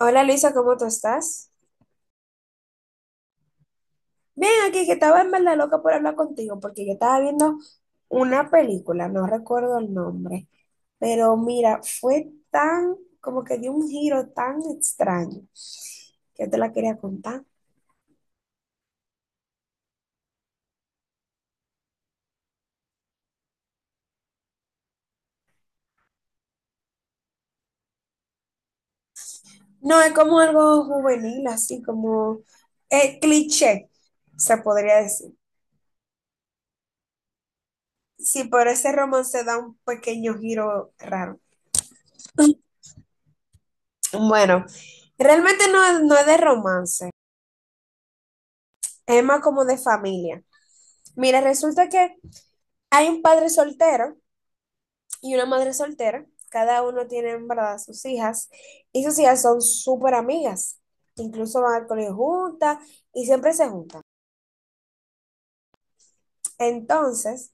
Hola, Luisa, ¿cómo tú estás? Bien, aquí que estaba en verdad loca por hablar contigo, porque yo estaba viendo una película, no recuerdo el nombre, pero mira, fue tan, como que dio un giro tan extraño que yo te la quería contar. No, es como algo juvenil, así como cliché, se podría decir. Sí, pero ese romance da un pequeño giro raro. Bueno, realmente no, no es de romance, es más como de familia. Mira, resulta que hay un padre soltero y una madre soltera. Cada uno tiene, en verdad, sus hijas. Y sus hijas son súper amigas. Incluso van al colegio juntas y siempre se juntan. Entonces,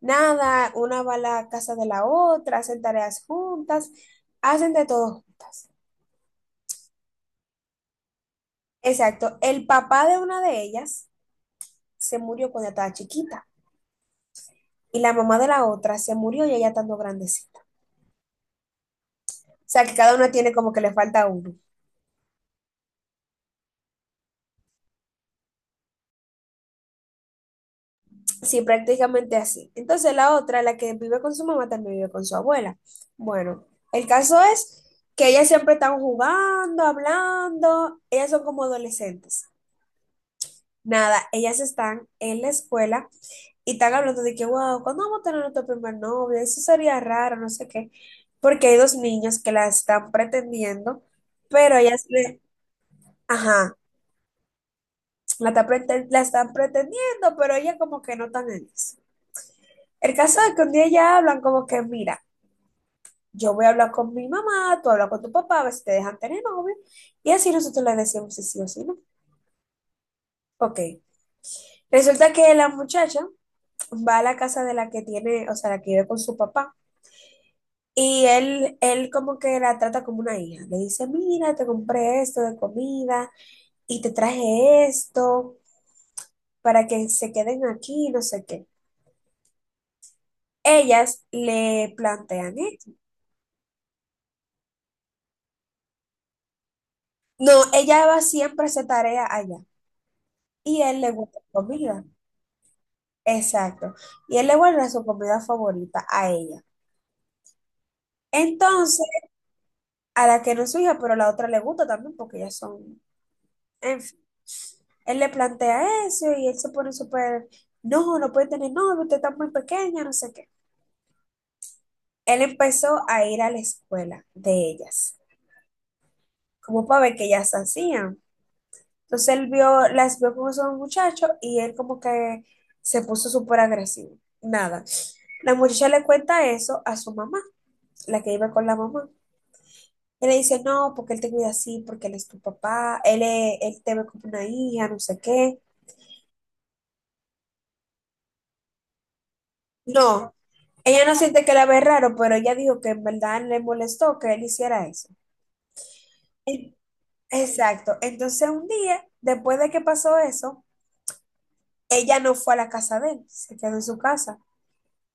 nada, una va a la casa de la otra, hacen tareas juntas, hacen de todo juntas. Exacto. El papá de una de ellas se murió cuando estaba chiquita. Y la mamá de la otra se murió ya estando grandecita. O sea, que cada una tiene como que le falta uno. Sí, prácticamente así. Entonces la otra, la que vive con su mamá, también vive con su abuela. Bueno, el caso es que ellas siempre están jugando, hablando, ellas son como adolescentes. Nada, ellas están en la escuela y están hablando de que, wow, ¿cuándo vamos a tener nuestro primer novio? Eso sería raro, no sé qué, porque hay dos niños que la están pretendiendo, pero ellas le, ajá, la, la están pretendiendo, pero ellas como que no están en eso. El caso es que un día ya hablan como que, mira, yo voy a hablar con mi mamá, tú hablas con tu papá, a ver si te dejan tener novio. Y así nosotros le decimos si sí o si no. Ok. Resulta que la muchacha va a la casa de la que tiene, o sea, la que vive con su papá. Y él como que la trata como una hija. Le dice, mira, te compré esto de comida y te traje esto para que se queden aquí, no sé qué. Ellas le plantean esto. No, ella va siempre a hacer tarea allá y él le gusta la comida. Exacto. Y él le guarda su comida favorita a ella. Entonces, a la que no es su hija, pero a la otra le gusta también porque ellas son, en fin. Él le plantea eso y él se pone súper, no, no puede tener novio, usted está muy pequeña, no sé qué. Él empezó a ir a la escuela de ellas, como para ver qué ellas hacían. Entonces él vio, las vio como son muchachos y él como que se puso súper agresivo. Nada. La muchacha le cuenta eso a su mamá, la que iba con la mamá. Y le dice, no, porque él te cuida así, porque él es tu papá, él, él te ve como una hija, no sé qué. No, ella no siente que la ve raro, pero ella dijo que en verdad le molestó que él hiciera eso. En- Exacto. Entonces un día, después de que pasó eso, ella no fue a la casa de él, se quedó en su casa.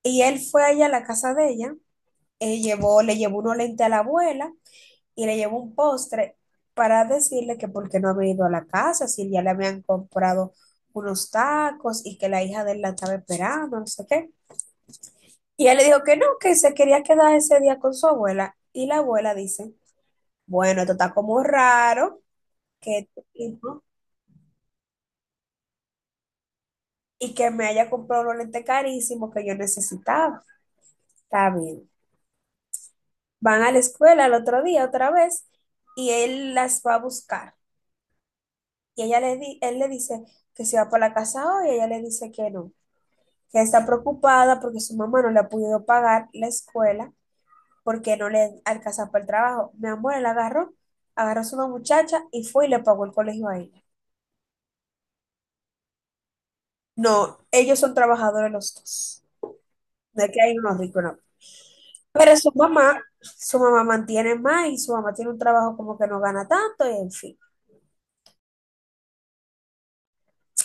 Y él fue allá a la casa de ella, llevó, le llevó unos lentes a la abuela y le llevó un postre para decirle que por qué no había ido a la casa, si ya le habían comprado unos tacos y que la hija de él la estaba esperando, no sé qué. Y él le dijo que no, que se quería quedar ese día con su abuela. Y la abuela dice, bueno, esto está como raro que este tipo- y que me haya comprado unos lentes carísimos que yo necesitaba. Está bien. Van a la escuela el otro día otra vez y él las va a buscar. Y ella él le dice que se va por la casa hoy y ella le dice que no. Que está preocupada porque su mamá no le ha podido pagar la escuela porque no le alcanza para el trabajo. Mi amor, agarró a su muchacha y fue y le pagó el colegio a ella. No, ellos son trabajadores los dos. No es que hay unos ricos, no. Pero su mamá mantiene más y su mamá tiene un trabajo como que no gana tanto y en fin.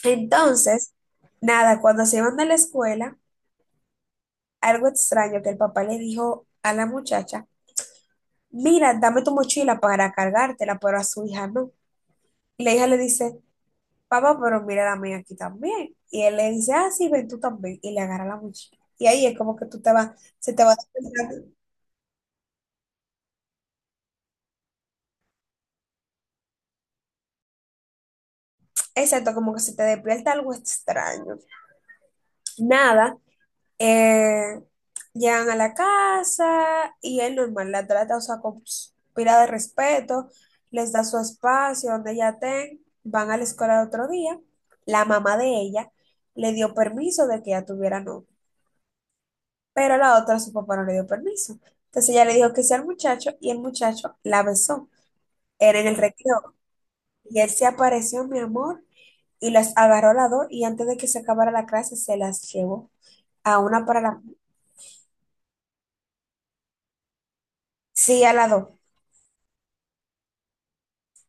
Entonces, nada, cuando se iban de la escuela, algo extraño que el papá le dijo a la muchacha, mira, dame tu mochila para cargártela, pero a su hija no. Y la hija le dice, papá, pero mira la mía aquí también. Y él le dice, ah, sí, ven tú también. Y le agarra la mochila. Y ahí es como que tú te vas, se te va despertando. Exacto, como que se te despierta algo extraño. Nada, eh, llegan a la casa y él normal la trata, o sea, con pila de respeto, les da su espacio donde ella estén, van a la escuela el otro día. La mamá de ella le dio permiso de que ella tuviera novio. Pero a la otra, su papá no le dio permiso. Entonces ella le dijo que sí al muchacho y el muchacho la besó. Era en el recreo. Y él se apareció, mi amor, y las agarró a las dos y antes de que se acabara la clase se las llevó. A una para la... Sí, a las dos.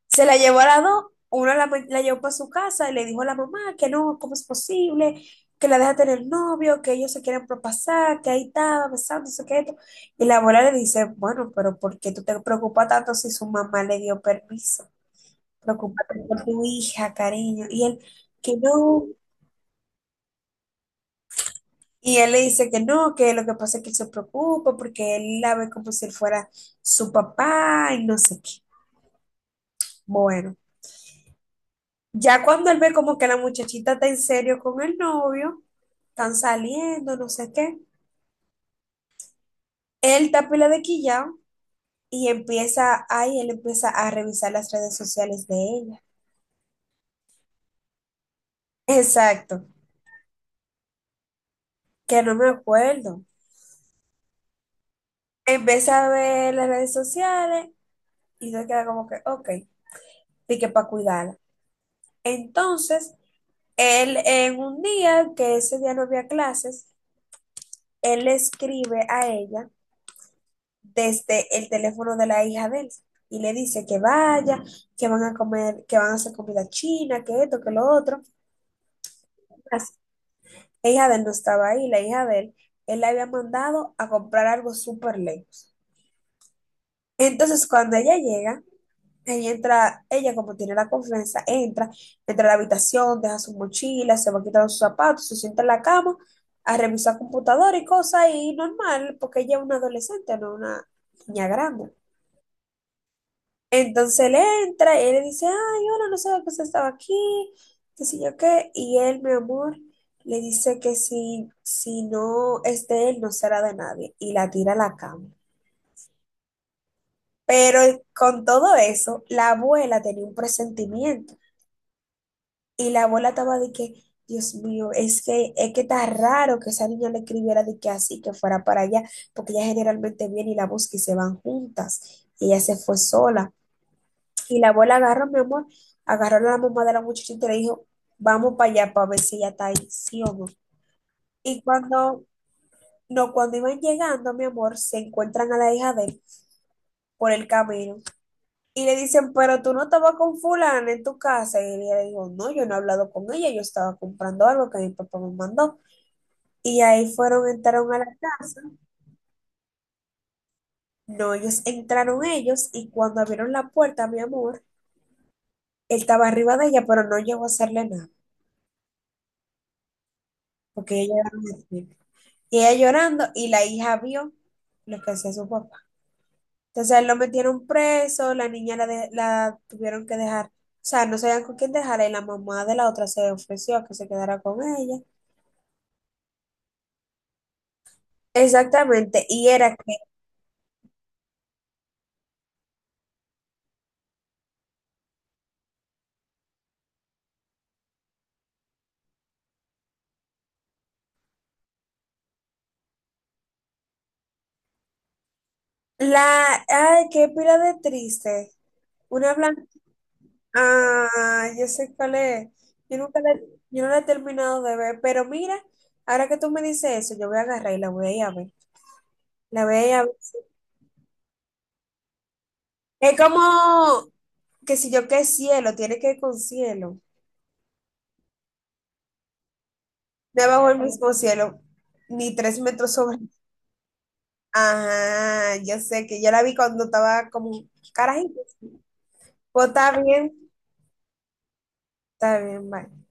Se la llevó a las dos, la llevó para su casa y le dijo a la mamá que no, ¿cómo es posible? Que la deja tener novio, que ellos se quieren propasar, que ahí estaba besándose, que esto. Y la abuela le dice, bueno, pero ¿por qué tú te preocupas tanto si su mamá le dio permiso? Preocúpate por tu hija, cariño. Y él, que no. Y él le dice que no, que lo que pasa es que él se preocupa porque él la ve como si él fuera su papá y no sé qué. Bueno, ya cuando él ve como que la muchachita está en serio con el novio, están saliendo, no sé qué, él está pila de quillao y empieza, ahí él empieza a revisar las redes sociales de ella. Exacto, que no me acuerdo. Empieza a ver las redes sociales y se queda como que, ok, de que para cuidarla. Entonces, él en un día que ese día no había clases, él le escribe a ella desde el teléfono de la hija de él y le dice que vaya, que van a comer, que van a hacer comida china, que esto, que lo otro. La hija de él no estaba ahí, la hija de él, él la había mandado a comprar algo súper lejos. Entonces, cuando ella llega, ella entra, ella como tiene la confianza, entra, entra a la habitación, deja su mochila, se va quitando sus zapatos, se sienta en la cama a revisar computadora y cosas y normal, porque ella es una adolescente, no una niña grande. Entonces él entra y él le dice, ay, hola, no sabía que usted estaba aquí, qué sé yo qué, y él, mi amor, le dice que si no es de él, no será de nadie, y la tira a la cama. Pero con todo eso, la abuela tenía un presentimiento. Y la abuela estaba de que, Dios mío, es que está raro que esa niña le escribiera de que así, que fuera para allá, porque ella generalmente viene y la busca y se van juntas. Y ella se fue sola. Y la abuela agarró, mi amor, agarró a la mamá de la muchachita y le dijo, vamos para allá para ver si ella está ahí, sí o no. Y cuando, no, cuando iban llegando, mi amor, se encuentran a la hija de él por el camino. Y le dicen, pero tú no estabas con fulana en tu casa. Y ella le dijo, no, yo no he hablado con ella, yo estaba comprando algo que mi papá me mandó. Y ahí fueron, entraron a la casa. No, ellos entraron ellos y cuando abrieron la puerta, mi amor, él estaba arriba de ella, pero no llegó a hacerle nada, porque ella era muy débil. Y ella llorando y la hija vio lo que hacía su papá. Entonces él lo metieron preso, la niña la, la tuvieron que dejar, o sea, no sabían con quién dejarla y la mamá de la otra se ofreció a que se quedara con ella. Exactamente, y era que la, ay, qué pila de triste. Una blanca. Ah, yo sé cuál es. Yo nunca la, yo no la he terminado de ver, pero mira, ahora que tú me dices eso, yo voy a agarrar y la voy a ir a ver. La voy a ir a ver. Es como que si yo qué cielo, tiene que ir con cielo. Debajo del mismo cielo, ni 3 metros sobre. Ajá, yo sé que yo la vi cuando estaba como carajito. Pues está bien, bye.